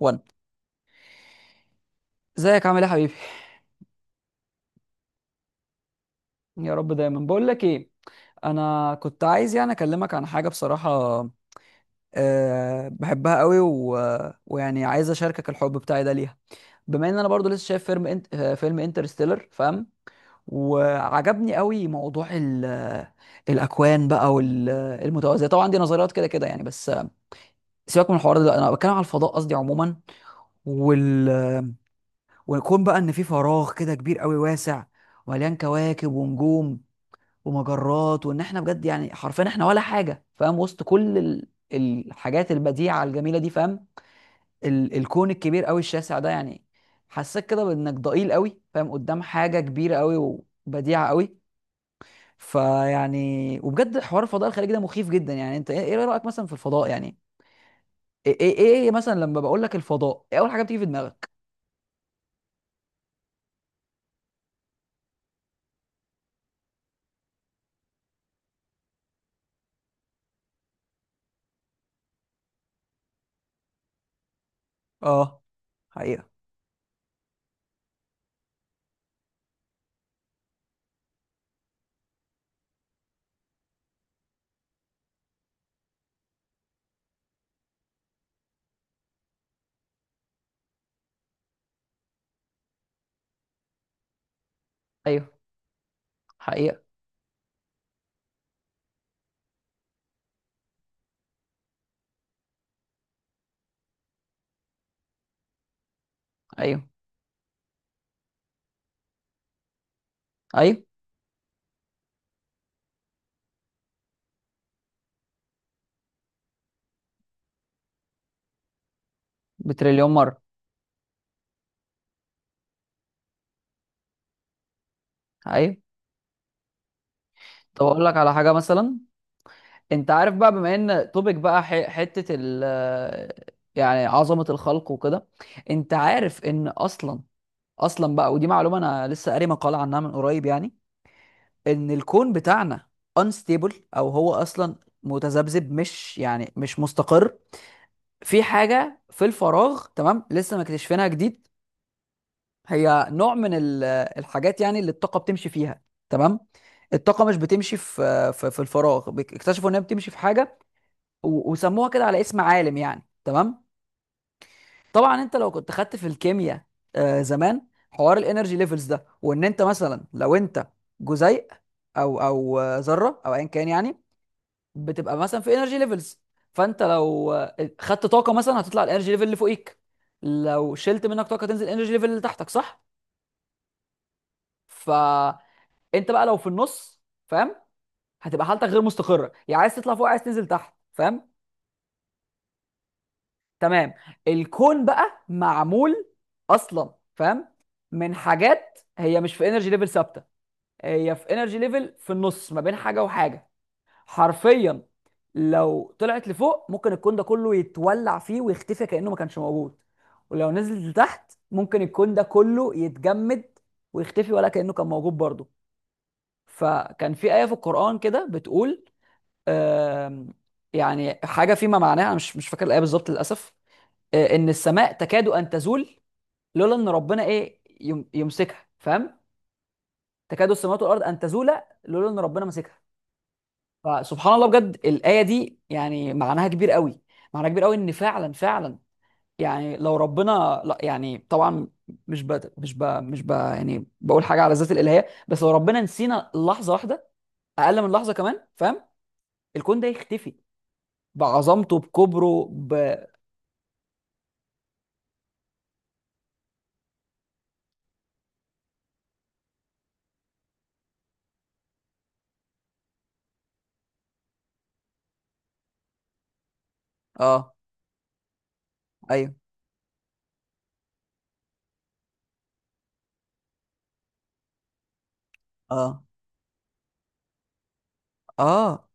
وان، ازيك؟ عامل ايه يا حبيبي؟ يا رب دايما. بقول لك ايه، انا كنت عايز يعني اكلمك عن حاجه بصراحه. أه، بحبها قوي ويعني عايز اشاركك الحب بتاعي ده ليها. بما ان انا برضو لسه شايف فيلم انت... آه، فيلم انترستيلر، فاهم. وعجبني قوي موضوع الاكوان بقى والمتوازيه، طبعا دي نظريات كده كده يعني بس سيبك من الحوار ده، انا بتكلم على الفضاء قصدي عموما. وال... ويكون بقى ان في فراغ كده كبير قوي واسع، مليان كواكب ونجوم ومجرات، وان احنا بجد يعني حرفيا احنا ولا حاجه، فاهم، وسط كل الحاجات البديعه الجميله دي، فاهم. الكون الكبير قوي الشاسع ده يعني حسيت كده بانك ضئيل قوي، فاهم، قدام حاجه كبيره قوي وبديعه قوي. فيعني وبجد حوار الفضاء الخارجي ده مخيف جدا يعني. انت ايه رايك مثلا في الفضاء يعني؟ ايه ايه, إيه إيه مثلا لما بقول لك الفضاء، ايه اول حاجه بتيجي في دماغك؟ اه، حقيقه. ايوه، حقيقه. ايوه. ايوه، بتريليون مره. ايوه. طب اقول لك على حاجه مثلا، انت عارف بقى بما ان توبيك بقى حتة يعني عظمة الخلق وكده. انت عارف ان اصلا، بقى ودي معلومة انا لسه قاري مقالة عنها من قريب يعني، ان الكون بتاعنا unstable، او هو اصلا متذبذب، مش مستقر. في حاجة في الفراغ، تمام، لسه مكتشفينها جديد. هي نوع من الحاجات يعني اللي الطاقة بتمشي فيها، تمام. الطاقة مش بتمشي في الفراغ، اكتشفوا انها بتمشي في حاجة وسموها كده على اسم عالم يعني، تمام. طبعا انت لو كنت خدت في الكيمياء آه زمان، حوار الانرجي ليفلز ده، وان انت مثلا لو انت جزيء او ذره او ايا كان يعني، بتبقى مثلا في انرجي ليفلز. فانت لو خدت طاقه مثلا هتطلع الانرجي ليفل اللي فوقيك، لو شلت منك طاقه تنزل الانرجي ليفل اللي تحتك، صح؟ فانت بقى لو في النص، فاهم، هتبقى حالتك غير مستقره، يا عايز تطلع فوق عايز تنزل تحت، فاهم. تمام. الكون بقى معمول اصلا، فاهم، من حاجات هي مش في انرجي ليفل ثابته، هي في انرجي ليفل في النص ما بين حاجه وحاجه، حرفيا. لو طلعت لفوق ممكن الكون ده كله يتولع فيه ويختفي كانه ما كانش موجود، ولو نزلت لتحت ممكن الكون ده كله يتجمد ويختفي ولا كانه كان موجود برضه. فكان في ايه في القران كده بتقول آم، يعني حاجه فيما معناها، أنا مش فاكر الايه بالظبط للاسف. ان السماء تكاد ان تزول لولا ان ربنا ايه يمسكها، فاهم. تكاد السماوات والارض ان تزولا لولا ان ربنا مسكها. فسبحان الله، بجد الايه دي يعني معناها كبير قوي، معناها كبير قوي، ان فعلا فعلا يعني لو ربنا، لا يعني طبعا، مش ب... مش ب... مش ب... يعني بقول حاجه على ذات الالهيه، بس لو ربنا نسينا لحظه واحده، اقل من لحظه كمان، فاهم، الكون ده يختفي بعظمته بكبره. اه. ايوه. اه اه.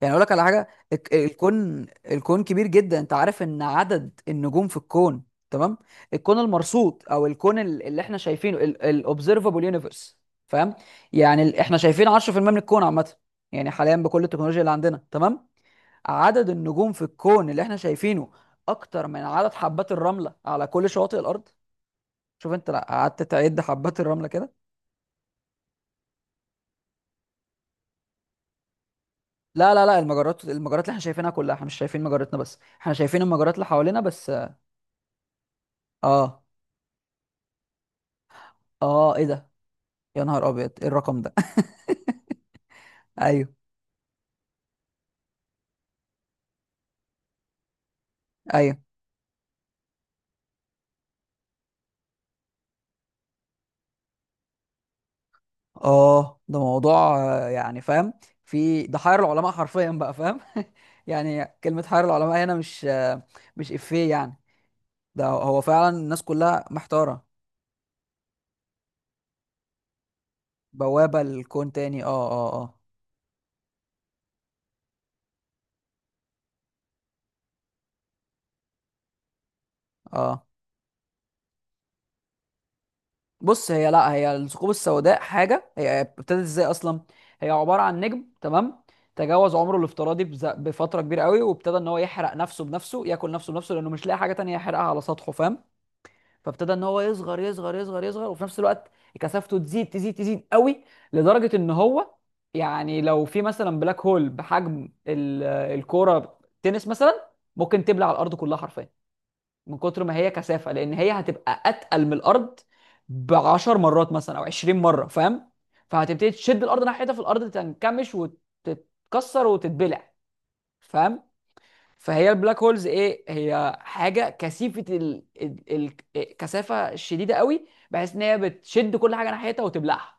يعني اقول لك على حاجه. الكون كبير جدا، انت عارف ان عدد النجوم في الكون، تمام، الكون المرصود او الكون اللي احنا شايفينه، الاوبزرفابل يونيفرس، فاهم، يعني احنا شايفين 10% من الكون عامه، يعني حاليا بكل التكنولوجيا اللي عندنا، تمام. عدد النجوم في الكون اللي احنا شايفينه اكتر من عدد حبات الرمله على كل شواطئ الارض. شوف انت لو قعدت تعد حبات الرمله كده. لا لا لا، المجرات اللي احنا شايفينها كلها، احنا مش شايفين مجرتنا بس، احنا شايفين المجرات اللي حوالينا بس. اه اه، ايه ده؟ يا نهار ابيض، ايه الرقم ده؟ ايوه. ايوه، اه، ده موضوع يعني فاهم، في ده حير العلماء حرفيا بقى، فاهم يعني كلمة حير العلماء هنا مش افيه يعني، ده هو فعلا الناس كلها محتارة. بوابة لكون تاني؟ اه اه اه اه. بص، هي، لا، هي الثقوب السوداء حاجة، هي ابتدت ازاي اصلا؟ هي عبارة عن نجم، تمام، تجاوز عمره الافتراضي بفترة كبيرة قوي وابتدى ان هو يحرق نفسه بنفسه، ياكل نفسه بنفسه، لانه مش لاقي حاجة تانية يحرقها على سطحه، فاهم. فابتدى ان هو يصغر يصغر يصغر يصغر، وفي نفس الوقت كثافته تزيد تزيد تزيد قوي، لدرجه ان هو يعني لو في مثلا بلاك هول بحجم الكوره تنس مثلا، ممكن تبلع الارض كلها حرفيا من كتر ما هي كثافه، لان هي هتبقى اتقل من الارض ب 10 مرات مثلا او 20 مره، فاهم. فهتبتدي تشد الارض ناحيتها، في الارض تنكمش وتتكسر وتتبلع، فاهم. فهي البلاك هولز ايه، هي حاجه كثيفه كثافه شديده قوي، بحيث ان هي بتشد كل حاجه ناحيتها وتبلعها.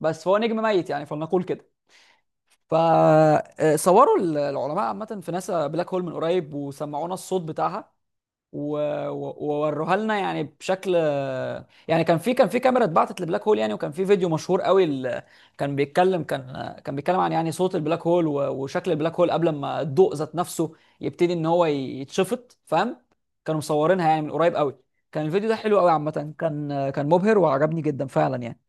بس فهو نجم ميت يعني، فلنقول كده. فصوروا العلماء عامه في ناسا بلاك هول من قريب وسمعونا الصوت بتاعها ووروها لنا يعني بشكل يعني. كان في كاميرا اتبعتت لبلاك هول يعني، وكان في فيديو مشهور قوي ال- كان بيتكلم كان كان بيتكلم عن يعني صوت البلاك هول وشكل البلاك هول، قبل ما الضوء ذات نفسه يبتدي ان هو يتشفط، فاهم. كانوا مصورينها يعني من قريب قوي. كان الفيديو ده حلو قوي عامة، كان مبهر وعجبني جدا فعلا يعني.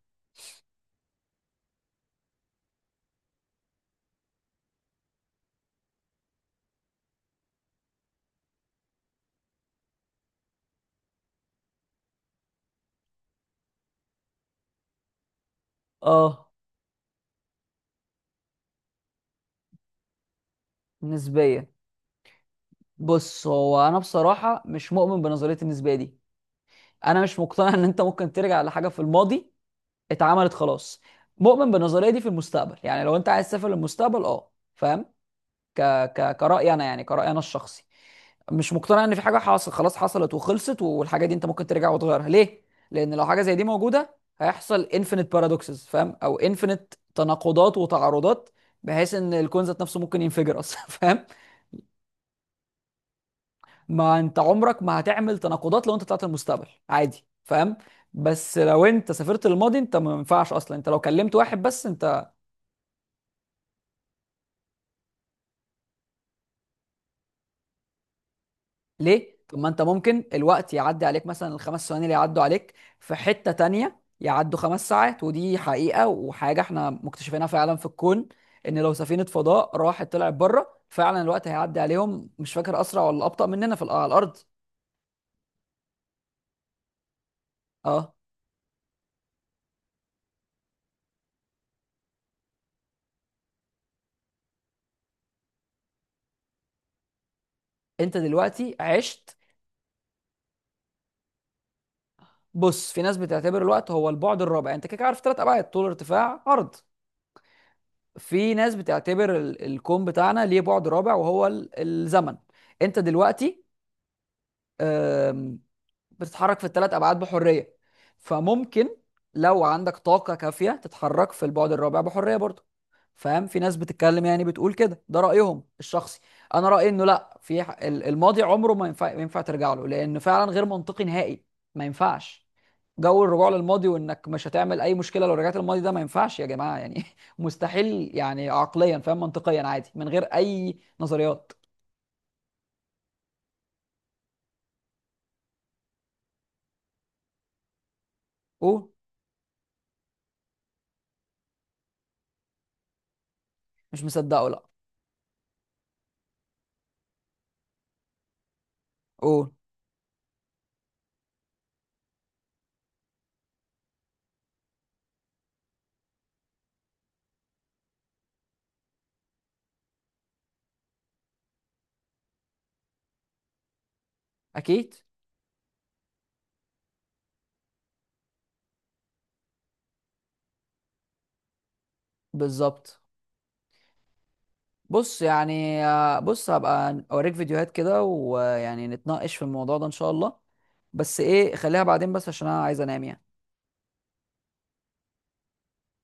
اه، نسبيا. بص هو انا بصراحة مش مؤمن بنظرية النسبية دي. انا مش مقتنع ان انت ممكن ترجع لحاجة في الماضي اتعملت خلاص. مؤمن بالنظريه دي في المستقبل، يعني لو انت عايز تسافر للمستقبل اه، فاهم. ك... كرأي انا يعني، كرأي انا الشخصي، مش مقتنع ان في حاجه حاصل خلاص، حصلت وخلصت، والحاجه دي انت ممكن ترجع وتغيرها، ليه؟ لان لو حاجه زي دي موجوده، هيحصل انفينيت بارادوكسز فاهم، او انفينيت تناقضات وتعارضات، بحيث ان الكون ذات نفسه ممكن ينفجر اصلا فاهم. ما انت عمرك ما هتعمل تناقضات لو انت طلعت المستقبل عادي، فاهم. بس لو انت سافرت للماضي، انت ما ينفعش اصلا، انت لو كلمت واحد بس. ليه؟ طب ما انت ممكن الوقت يعدي عليك مثلا الـ 5 ثواني اللي يعدوا عليك في حتة تانية يعدوا 5 ساعات، ودي حقيقة وحاجة احنا مكتشفينها فعلا في الكون، ان لو سفينة فضاء راحت طلعت بره، فعلا الوقت هيعدي عليهم مش فاكر اسرع ولا ابطأ مننا في على الارض. اه. انت دلوقتي عشت. بص، في ناس بتعتبر الوقت هو البعد الرابع. انت كده كده عارف ثلاث ابعاد، طول ارتفاع عرض. في ناس بتعتبر الكون بتاعنا ليه بعد رابع، وهو الزمن. انت دلوقتي بتتحرك في الثلاث ابعاد بحريه، فممكن لو عندك طاقه كافيه تتحرك في البعد الرابع بحريه برضه، فاهم. في ناس بتتكلم يعني بتقول كده، ده رايهم الشخصي. انا رايي انه لا، في الماضي عمره ما ينفع ترجع له، لانه فعلا غير منطقي نهائي، ما ينفعش. جو الرجوع للماضي وانك مش هتعمل اي مشكله لو رجعت للماضي، ده ما ينفعش يا جماعه يعني مستحيل يعني عقليا فاهم، منطقيا عادي من غير اي نظريات. قول. مش مصدقه، لا. قول. اكيد. بالظبط. بص يعني آه، بص هبقى اوريك فيديوهات كده ويعني نتناقش في الموضوع ده ان شاء الله، بس ايه خليها بعدين بس عشان انا عايز انام يعني.